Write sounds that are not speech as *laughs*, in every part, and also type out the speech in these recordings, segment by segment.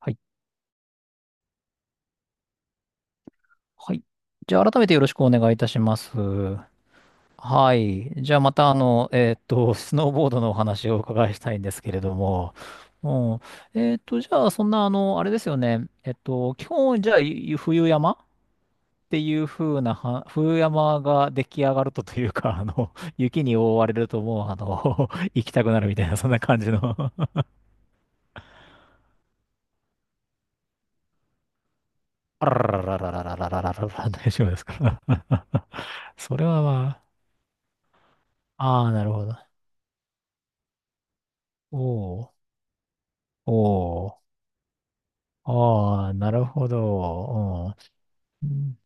はい。はい、じゃあ、改めてよろしくお願いいたします。はい。じゃあ、また、スノーボードのお話をお伺いしたいんですけれども、うん。じゃあ、そんな、あれですよね。基本、じゃあ、冬山っていう風なは、冬山が出来上がるというか、雪に覆われると、もう、*laughs* 行きたくなるみたいな、そんな感じの。あららららららららららら、大丈夫ですか？ *laughs* それはまあ、ああ、なるほど。おお。おー、ああ、なるほど。うん。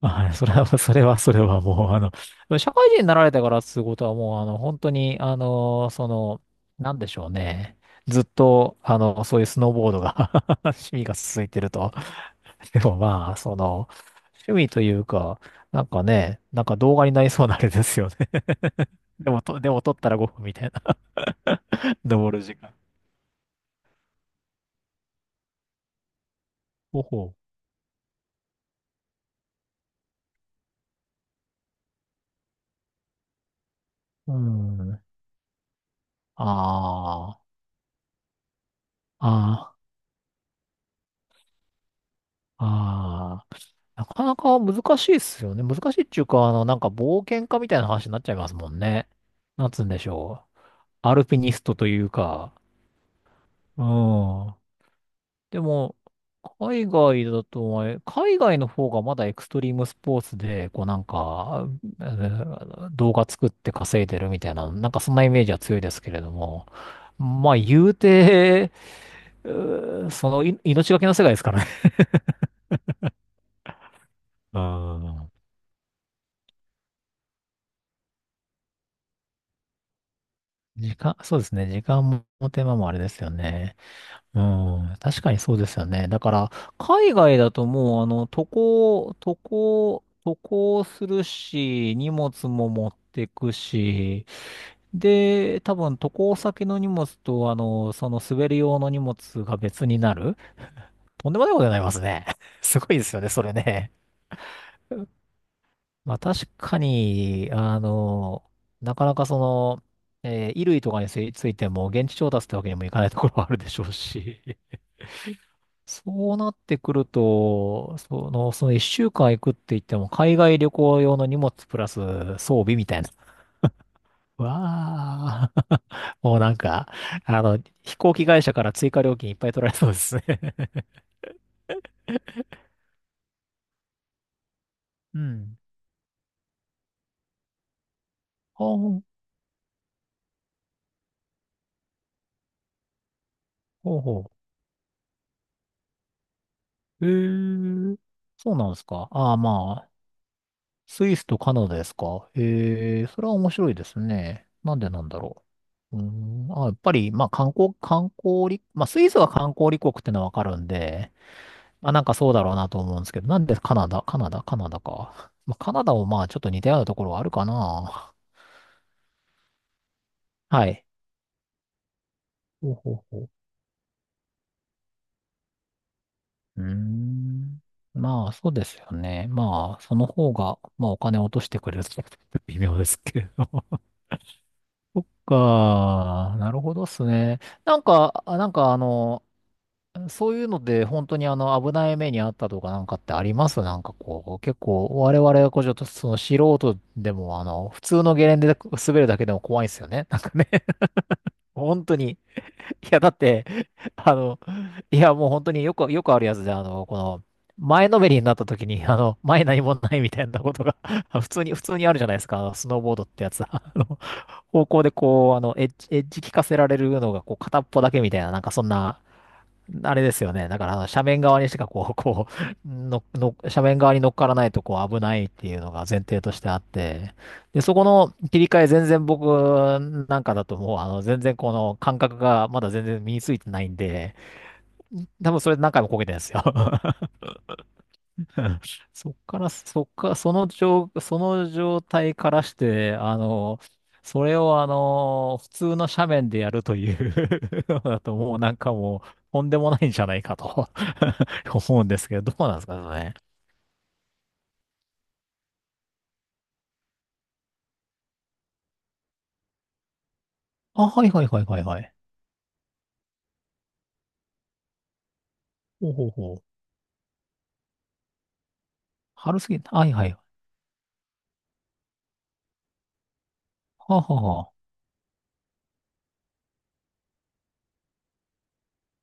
あ、それは、*laughs* それは、それはもう、社会人になられてからってことはもう、本当に、なんでしょうね。ずっと、そういうスノーボードが *laughs* 趣味が続いてると。*laughs* でもまあ、趣味というか、なんかね、なんか動画になりそうなあれですよね。*laughs* でも撮ったら5分みたいな。*laughs* 登る時間。ほう。うん。ああ。ああ。ああ、なかなか難しいっすよね。難しいっていうか、なんか冒険家みたいな話になっちゃいますもんね。なんつうんでしょう。アルピニストというか。うん。でも、海外だと、海外の方がまだエクストリームスポーツで、こうなんか、動画作って稼いでるみたいな、なんかそんなイメージは強いですけれども。まあ、言うて、うーそのい命がけの世界ですからね。うん。そうですね。時間も手間もあれですよね。うん。確かにそうですよね。だから、海外だともう、渡航するし、荷物も持ってくし、で、多分渡航先の荷物と、その滑り用の荷物が別になる。とんでもないことになりますね。*laughs* すごいですよね、それね。まあ確かに、なかなか衣類とかについついても現地調達ってわけにもいかないところはあるでしょうし、*laughs* そうなってくると、その一週間行くって言っても、海外旅行用の荷物プラス装備みたいな。*laughs* わあ、*laughs* もうなんか、飛行機会社から追加料金いっぱい取られそうですね。 *laughs* うん。ああ、ほうほう。へえ、そうなんですか。ああ、まあ、スイスとカナダですか、ええ、それは面白いですね。なんでなんだろう。うーん、あ、やっぱり、まあ観光、観光立、まあスイスは観光立国ってのはわかるんで、まあなんかそうだろうなと思うんですけど、なんでカナダ、カナダ、カナダか。まあカナダもまあちょっと似たようなところはあるかな。はい。ほうほうほう。うーん。まあそうですよね。まあその方が、まあお金を落としてくれるって微妙ですけれど。そっか、なるほどっすね。なんか、そういうので本当に危ない目にあったとかなんかってありますなんかこう、結構我々はこうちょっと素人でも普通のゲレンデで滑るだけでも怖いですよね。*laughs* なんかね、*laughs* 本当に。いや、だって、あの、いやもう本当によくあるやつで、前のめりになった時に、前何もないみたいなことが *laughs* 普通に、普通にあるじゃないですか、あのスノーボードってやつは。*laughs* あの方向でこう、エッジ効かせられるのが、こう、片っぽだけみたいな、なんかそんな、あれですよね。だから、斜面側にしかこう、*laughs* こう、斜面側に乗っからないと、こう、危ないっていうのが前提としてあって、で、そこの切り替え、全然僕なんかだともう、全然この感覚がまだ全然身についてないんで、多分それ何回もこけてるんですよ。*laughs* そっから、そっか、その状態からして、それを普通の斜面でやるという *laughs* のだともうなんかもう、とんでもないんじゃないかと *laughs* 思うんですけど、どうなんですかね。あ、はいはいはいはいはい。ほうほうほう。春すぎ、はいはい。はあ、はあはあ。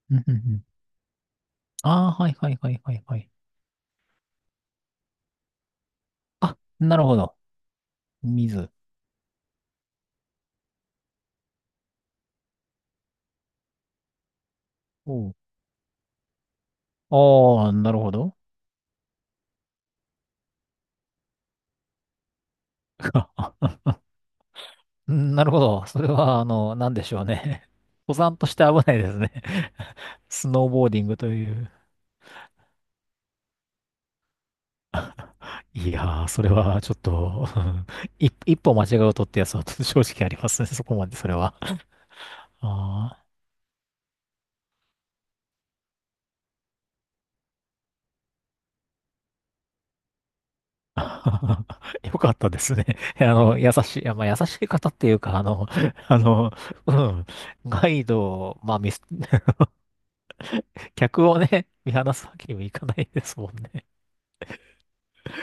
うんうんうん。ああ、はいはいはいはいはい。あ、なるほど。水。おう。ああ、なるほど。*laughs* うん、なるほど。それは、なんでしょうね。*laughs* 登山として危ないですね。*laughs* スノーボーディングという。いやー、それはちょっと、*laughs* うん、一歩間違うとってやつは正直ありますね。*laughs* そこまで、それは。ああ。*laughs* よかったですね。*laughs* 優しい、いやまあ、優しい方っていうか、あの、うん、ガイドを、まあ、ミス、*laughs* 客をね、見放すわけにもいかないですもんね。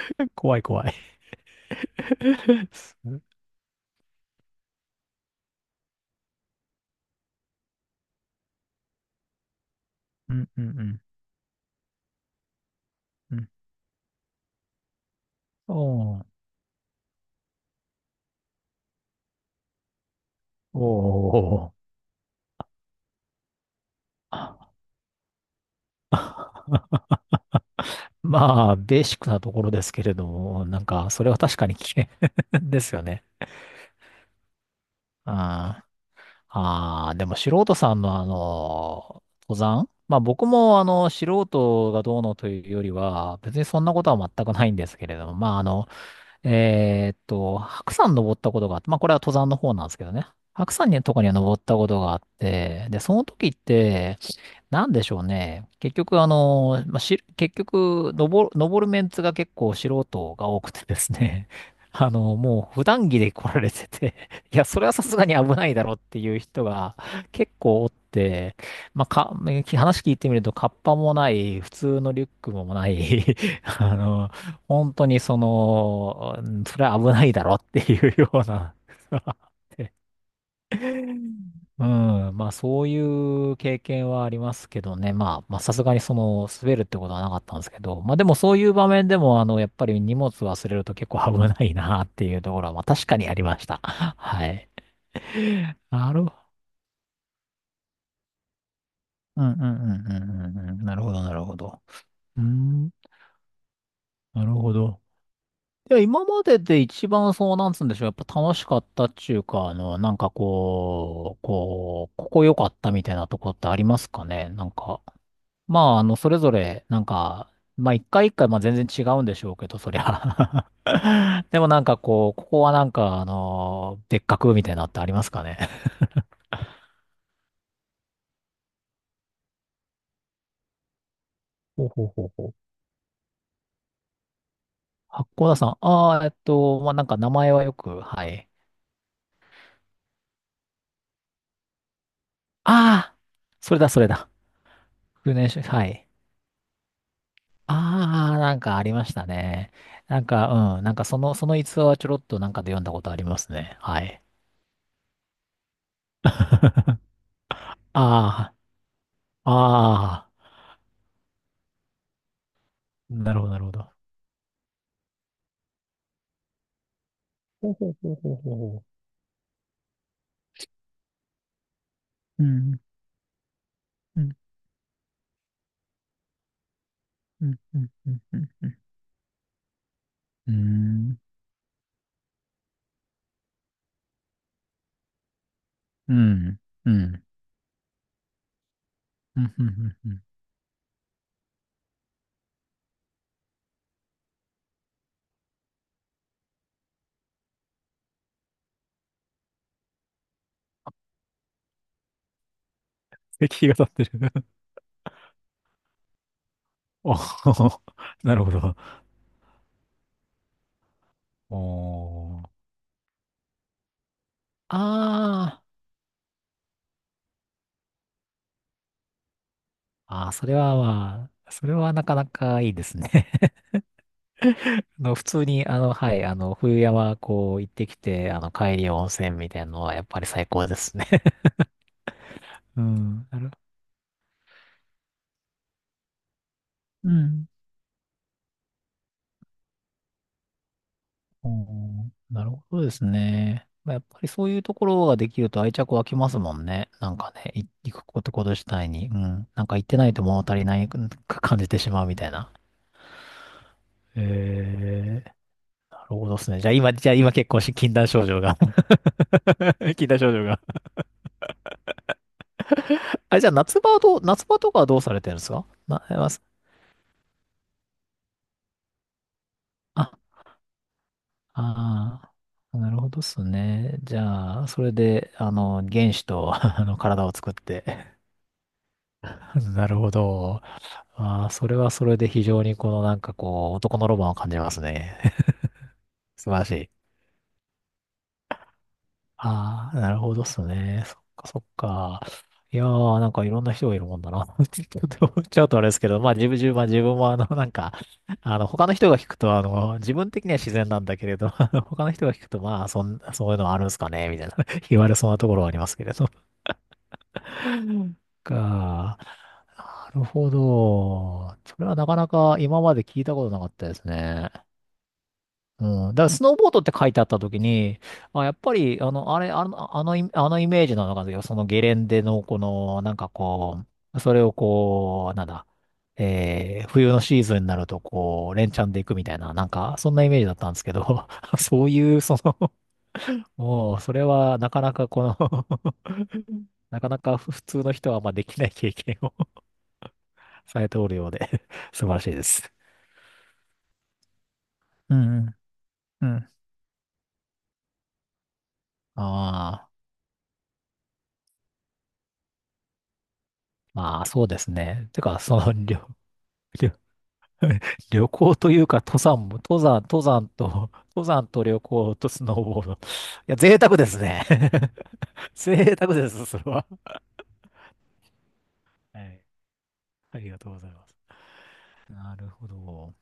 *laughs* 怖い怖い。*laughs* うんうんうん。うん。おおー。*laughs* まあ、ベーシックなところですけれども、なんか、それは確かに危険 *laughs* ですよね。あーあー、でも素人さんの登山、まあ僕も素人がどうのというよりは、別にそんなことは全くないんですけれども、まあ白山登ったことがあって、まあこれは登山の方なんですけどね。白山にとかには登ったことがあって、で、その時って、なんでしょうね。結局、まあ、結局、登るメンツが結構素人が多くてですね。*laughs* もう普段着で来られてて、いや、それはさすがに危ないだろうっていう人が結構おって、まあ、話聞いてみると、カッパもない、普通のリュックもない、*laughs* あの、本当にうんそれは危ないだろうっていうような、*laughs* うん。まあ、そういう経験はありますけどね。まあ、まあ、さすがに滑るってことはなかったんですけど。まあ、でもそういう場面でも、やっぱり荷物忘れると結構危ないなっていうところは、まあ、確かにありました。*laughs* はい。*laughs* なるほど。うんうんうんうんうんうん。なるほど、なるほど。うん。なるほど。いや、今までで一番そう、なんつうんでしょう。やっぱ楽しかったっていうか、なんかこう、ここ良かったみたいなとこってありますかね。なんか。まあ、それぞれ、なんか、まあ、一回一回、まあ、全然違うんでしょうけど、そりゃ。*laughs* でもなんかこう、ここはなんか、でっかくみたいなのってありますかね。ほうほうほうほう。八甲田山。ああ、まあ、なんか名前はよく、はい。ああ、それだ、それだ。訓練所、はい。ああ、なんかありましたね。なんか、うん、なんかその逸話はちょろっとなんかで読んだことありますね。はい。*laughs* ああ、ああ、なるほど、なるほど。ほうほうほうほうほう、うん、うん、うん、うん、うん、うん、うん、うん、うん、うん、うん、うん、うん、石碑が立ってる *laughs* おー、なるほど。おー。あー、あー、それはまあ、それはなかなかいいですね。 *laughs* 普通に、はい、冬山、こう、行ってきて、帰り温泉みたいなのは、やっぱり最高ですね。 *laughs* うん、なる、うん。おー、なるほどですね。まあ、やっぱりそういうところができると愛着湧きますもんね。なんかね、行くこと自体に。うん。なんか行ってないと物足りなく感じてしまうみたいな。えー、なるほどですね。じゃあ今結構し、禁断症状が。 *laughs* 禁断症状がじゃあ夏場とかはどうされてるんですかな、ああー、なるほどっすね。じゃあ、それで、あの、原子と *laughs*、あの、体を作って。 *laughs*。なるほど。ああ、それはそれで非常にこのなんかこう、男のロマンを感じますね。*laughs* 素晴らしい。ああ、なるほどっすね。そっかそっか。いやー、なんかいろんな人がいるもんだな。*laughs* ちょっと思っちゃうとあれですけど、まあ自分もあの、なんか、あの、他の人が聞くと、あの、自分的には自然なんだけれど、*laughs* あの他の人が聞くと、まあ、そういうのあるんすかね、みたいな、*laughs* 言われそうなところはありますけれど。か、なるほど。それはなかなか今まで聞いたことなかったですね。うん、だからスノーボードって書いてあった時に、あ、やっぱり、あの、あれ、あの、あのイ、あのイメージなのかな、そのゲレンデの、この、なんかこう、それをこう、なんだ、えー、冬のシーズンになると、こう、連チャンで行くみたいな、なんか、そんなイメージだったんですけど、*laughs* そういう、その、もう、それは、なかなかこの *laughs* なかなか普通の人は、まあ、できない経験を *laughs* されておるようで *laughs* 素晴らしいです。うんうん。うん。ああ、まあ、そうですね。てか、その、旅行というか、登山と、*laughs* 登山と旅行とスノーボード。いや、贅沢ですね。*laughs* 贅沢です、それは。はい。ありがとうございます。なるほど。